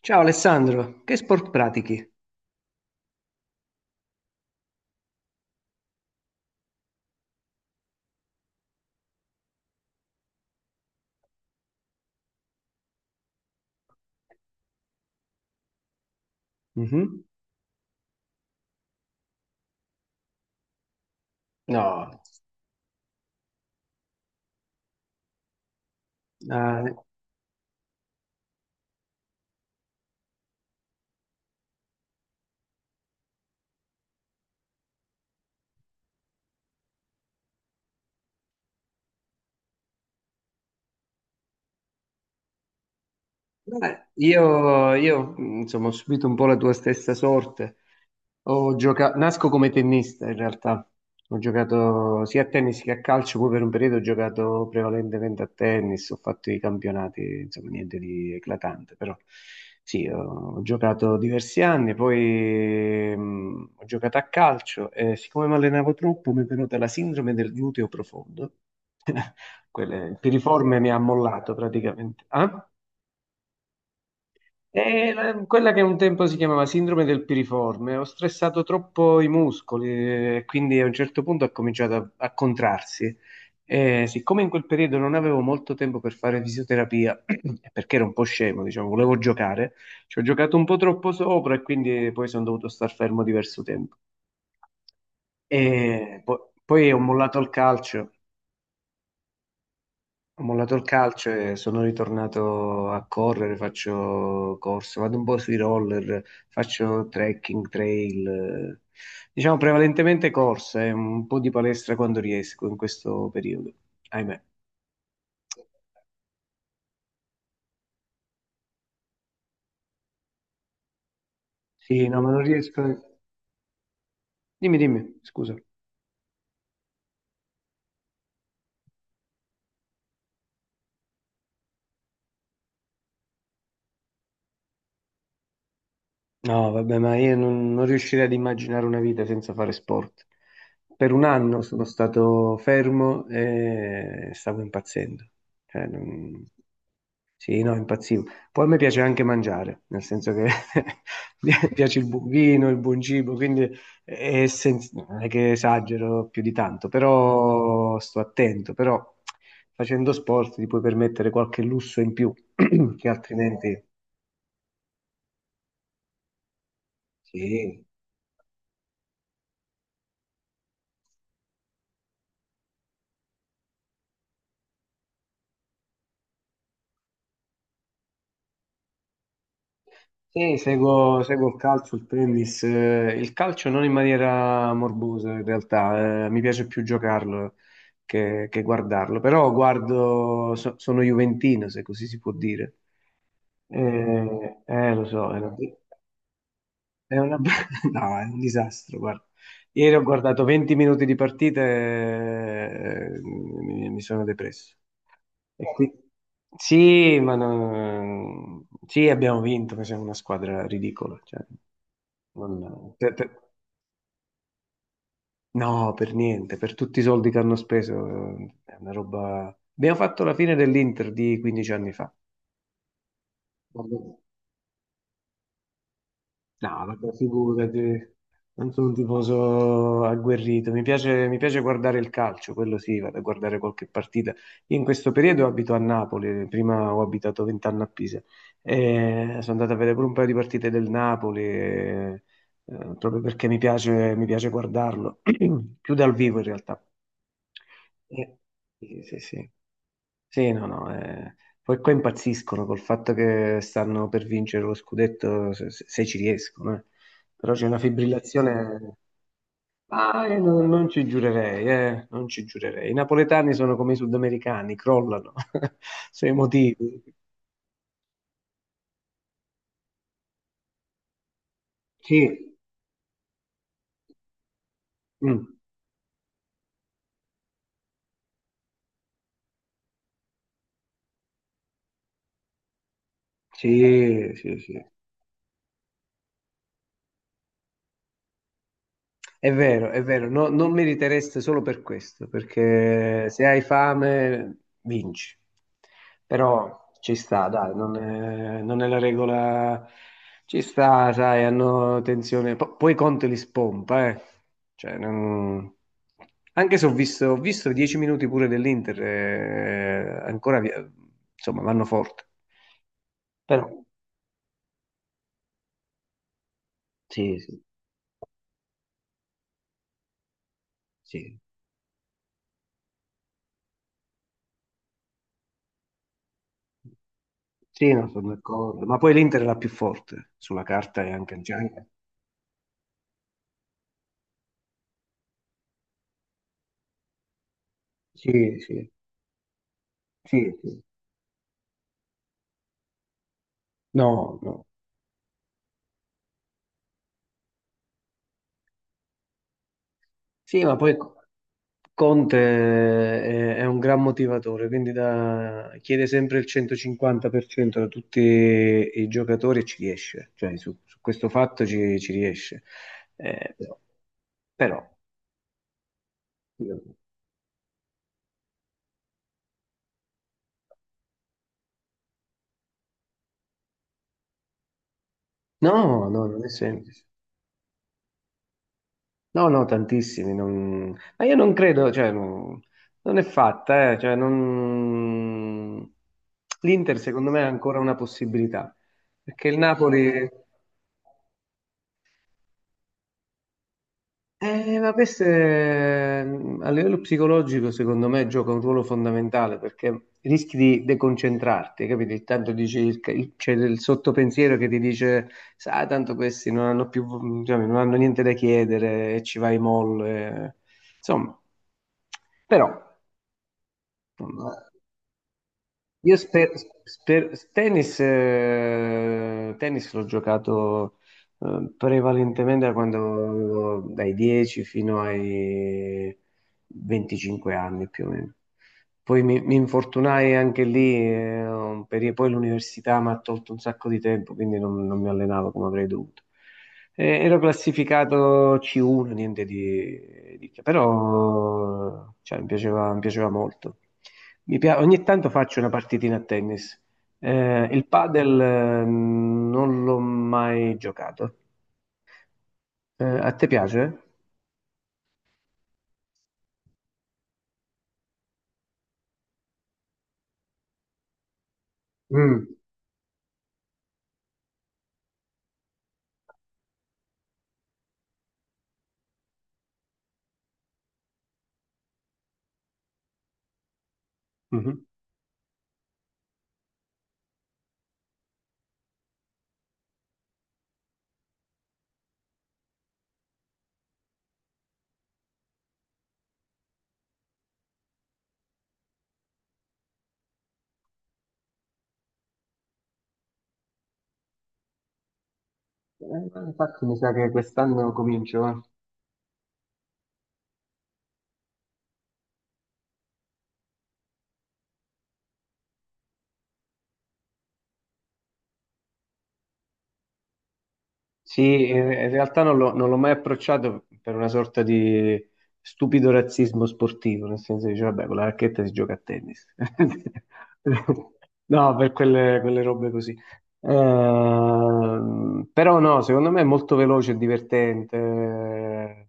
Ciao Alessandro, che sport pratichi? Mhm. No. Ah, beh, io, insomma, ho subito un po' la tua stessa sorte. Nasco come tennista in realtà, ho giocato sia a tennis che a calcio, poi per un periodo ho giocato prevalentemente a tennis, ho fatto i campionati, insomma niente di eclatante, però sì, ho giocato diversi anni, poi ho giocato a calcio e siccome mi allenavo troppo mi è venuta la sindrome del gluteo profondo. Il piriforme mi ha mollato praticamente. Ah? È la- quella che un tempo si chiamava sindrome del piriforme. Ho stressato troppo i muscoli e quindi a un certo punto ha cominciato a contrarsi. E siccome in quel periodo non avevo molto tempo per fare fisioterapia, perché ero un po' scemo, diciamo, volevo giocare, ci ho giocato un po' troppo sopra e quindi poi sono dovuto star fermo diverso tempo. E po- poi ho mollato il calcio e sono ritornato a correre, faccio corse, vado un po' sui roller, faccio trekking, trail, diciamo prevalentemente corse, un po' di palestra quando riesco in questo periodo, ahimè. Sì, no, ma non riesco. Dimmi, dimmi, scusa. No, vabbè, ma io non, non riuscirei ad immaginare una vita senza fare sport. Per un anno sono stato fermo e stavo impazzendo. Cioè, non- Sì, no, impazzivo. Poi a me piace anche mangiare, nel senso che mi piace il buon vino, il buon cibo, quindi non è che esagero più di tanto, però sto attento, però facendo sport ti puoi permettere qualche lusso in più, che altrimenti sì. Sì, seguo il calcio, il tennis, il calcio non in maniera morbosa in realtà, mi piace più giocarlo che guardarlo, però guardo, sono juventino se così si può dire. Lo so, è una- no, è un disastro, guarda. Ieri ho guardato 20 minuti di partita e mi sono depresso. E qui- Sì, ma no- sì, abbiamo vinto, ma siamo una squadra ridicola. Cioè. Non- per- per- no, per niente, per tutti i soldi che hanno speso, è una roba. Abbiamo fatto la fine dell'Inter di 15 anni fa. Vabbè. No, vabbè, figurati, non sono un tifoso agguerrito, mi piace guardare il calcio, quello sì, vado a guardare qualche partita. Io in questo periodo abito a Napoli, prima ho abitato 20 anni a Pisa, e sono andato a vedere pure un paio di partite del Napoli, proprio perché mi piace guardarlo, più dal vivo in realtà. Eh, sì, sì, sì. Sì, no, no, poi qua impazziscono col fatto che stanno per vincere lo scudetto, se ci riescono, eh. Però c'è una fibrillazione. Ah, non ci giurerei, non ci giurerei. I napoletani sono come i sudamericani, crollano, sono emotivi. Sì, mm, sì, sì, sì. È vero, non meritereste solo per questo, perché se hai fame vinci. Però ci sta, dai, non è la regola. Ci sta, sai, hanno tensione. Po- poi Conte li spompa, eh. Cioè, non- Anche se ho visto, ho visto 10 minuti pure dell'Inter, insomma, vanno forte. Però, sì, sì, sì. Sì, no, sono d'accordo. Ma poi l'Inter è la più forte sulla carta e anche in genere. Sì, sì, sì, sì. No, no. Sì, ma poi è un gran motivatore, quindi chiede sempre il 150% da tutti i giocatori e ci riesce. Cioè, su questo fatto ci riesce. Però, però- no, no, non è semplice. No, no, tantissimi, ma io non credo, non è fatta, l'Inter secondo me ha ancora una possibilità, perché il Napoli, ma a livello psicologico secondo me gioca un ruolo fondamentale, perché rischi di deconcentrarti, capito? Tanto dici, c'è il sottopensiero che ti dice, sai, tanto questi non hanno più, diciamo, non hanno niente da chiedere e ci vai molle, insomma, però. Io sper, sper- tennis, tennis l'ho giocato prevalentemente da quando avevo dai 10 fino ai 25 anni più o meno. Poi mi infortunai anche lì, poi l'università mi ha tolto un sacco di tempo, quindi non mi allenavo come avrei dovuto. Ero classificato C1, niente di che, però cioè, mi piaceva molto. Ogni tanto faccio una partitina a tennis. Il padel, non l'ho mai giocato. A te piace? Mm. Mhm. Infatti mi sa che quest'anno comincio, eh. Sì, in realtà non l'ho mai approcciato per una sorta di stupido razzismo sportivo, nel senso che dice, vabbè, con la racchetta si gioca a tennis. No, per quelle robe così. Però no, secondo me è molto veloce e divertente,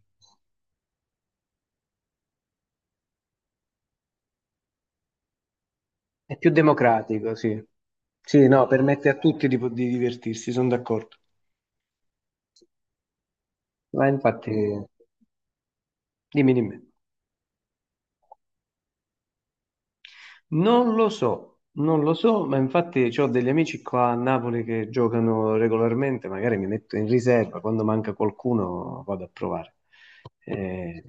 è più democratico, sì. Sì, no, permette a tutti di divertirsi, sono d'accordo. Ma infatti, dimmi, dimmi. Non lo so, non lo so, ma infatti ho degli amici qua a Napoli che giocano regolarmente, magari mi metto in riserva, quando manca qualcuno vado a provare. Eh,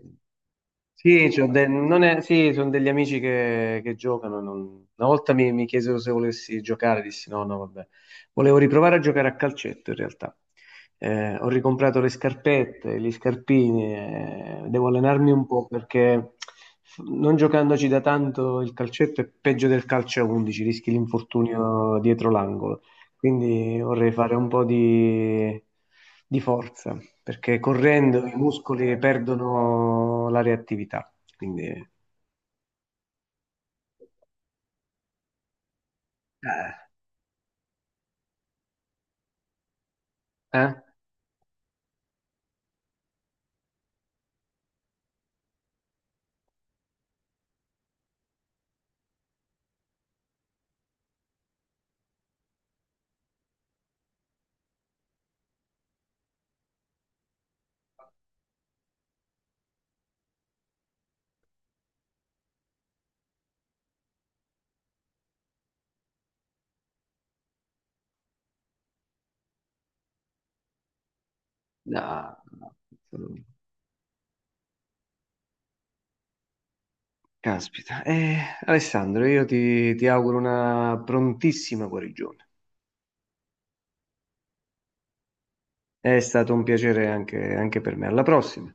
sì, non è- sì, sono degli amici che giocano. Una volta mi chiesero se volessi giocare, dissi no, no, vabbè. Volevo riprovare a giocare a calcetto in realtà. Ho ricomprato le scarpette, gli scarpini, devo allenarmi un po' perché non giocandoci da tanto il calcetto è peggio del calcio a 11, rischi l'infortunio dietro l'angolo. Quindi vorrei fare un po' di forza perché correndo i muscoli perdono la reattività. Quindi, eh? Eh? No, no. No. Caspita. Alessandro, io ti auguro una prontissima guarigione. È stato un piacere anche anche per me. Alla prossima.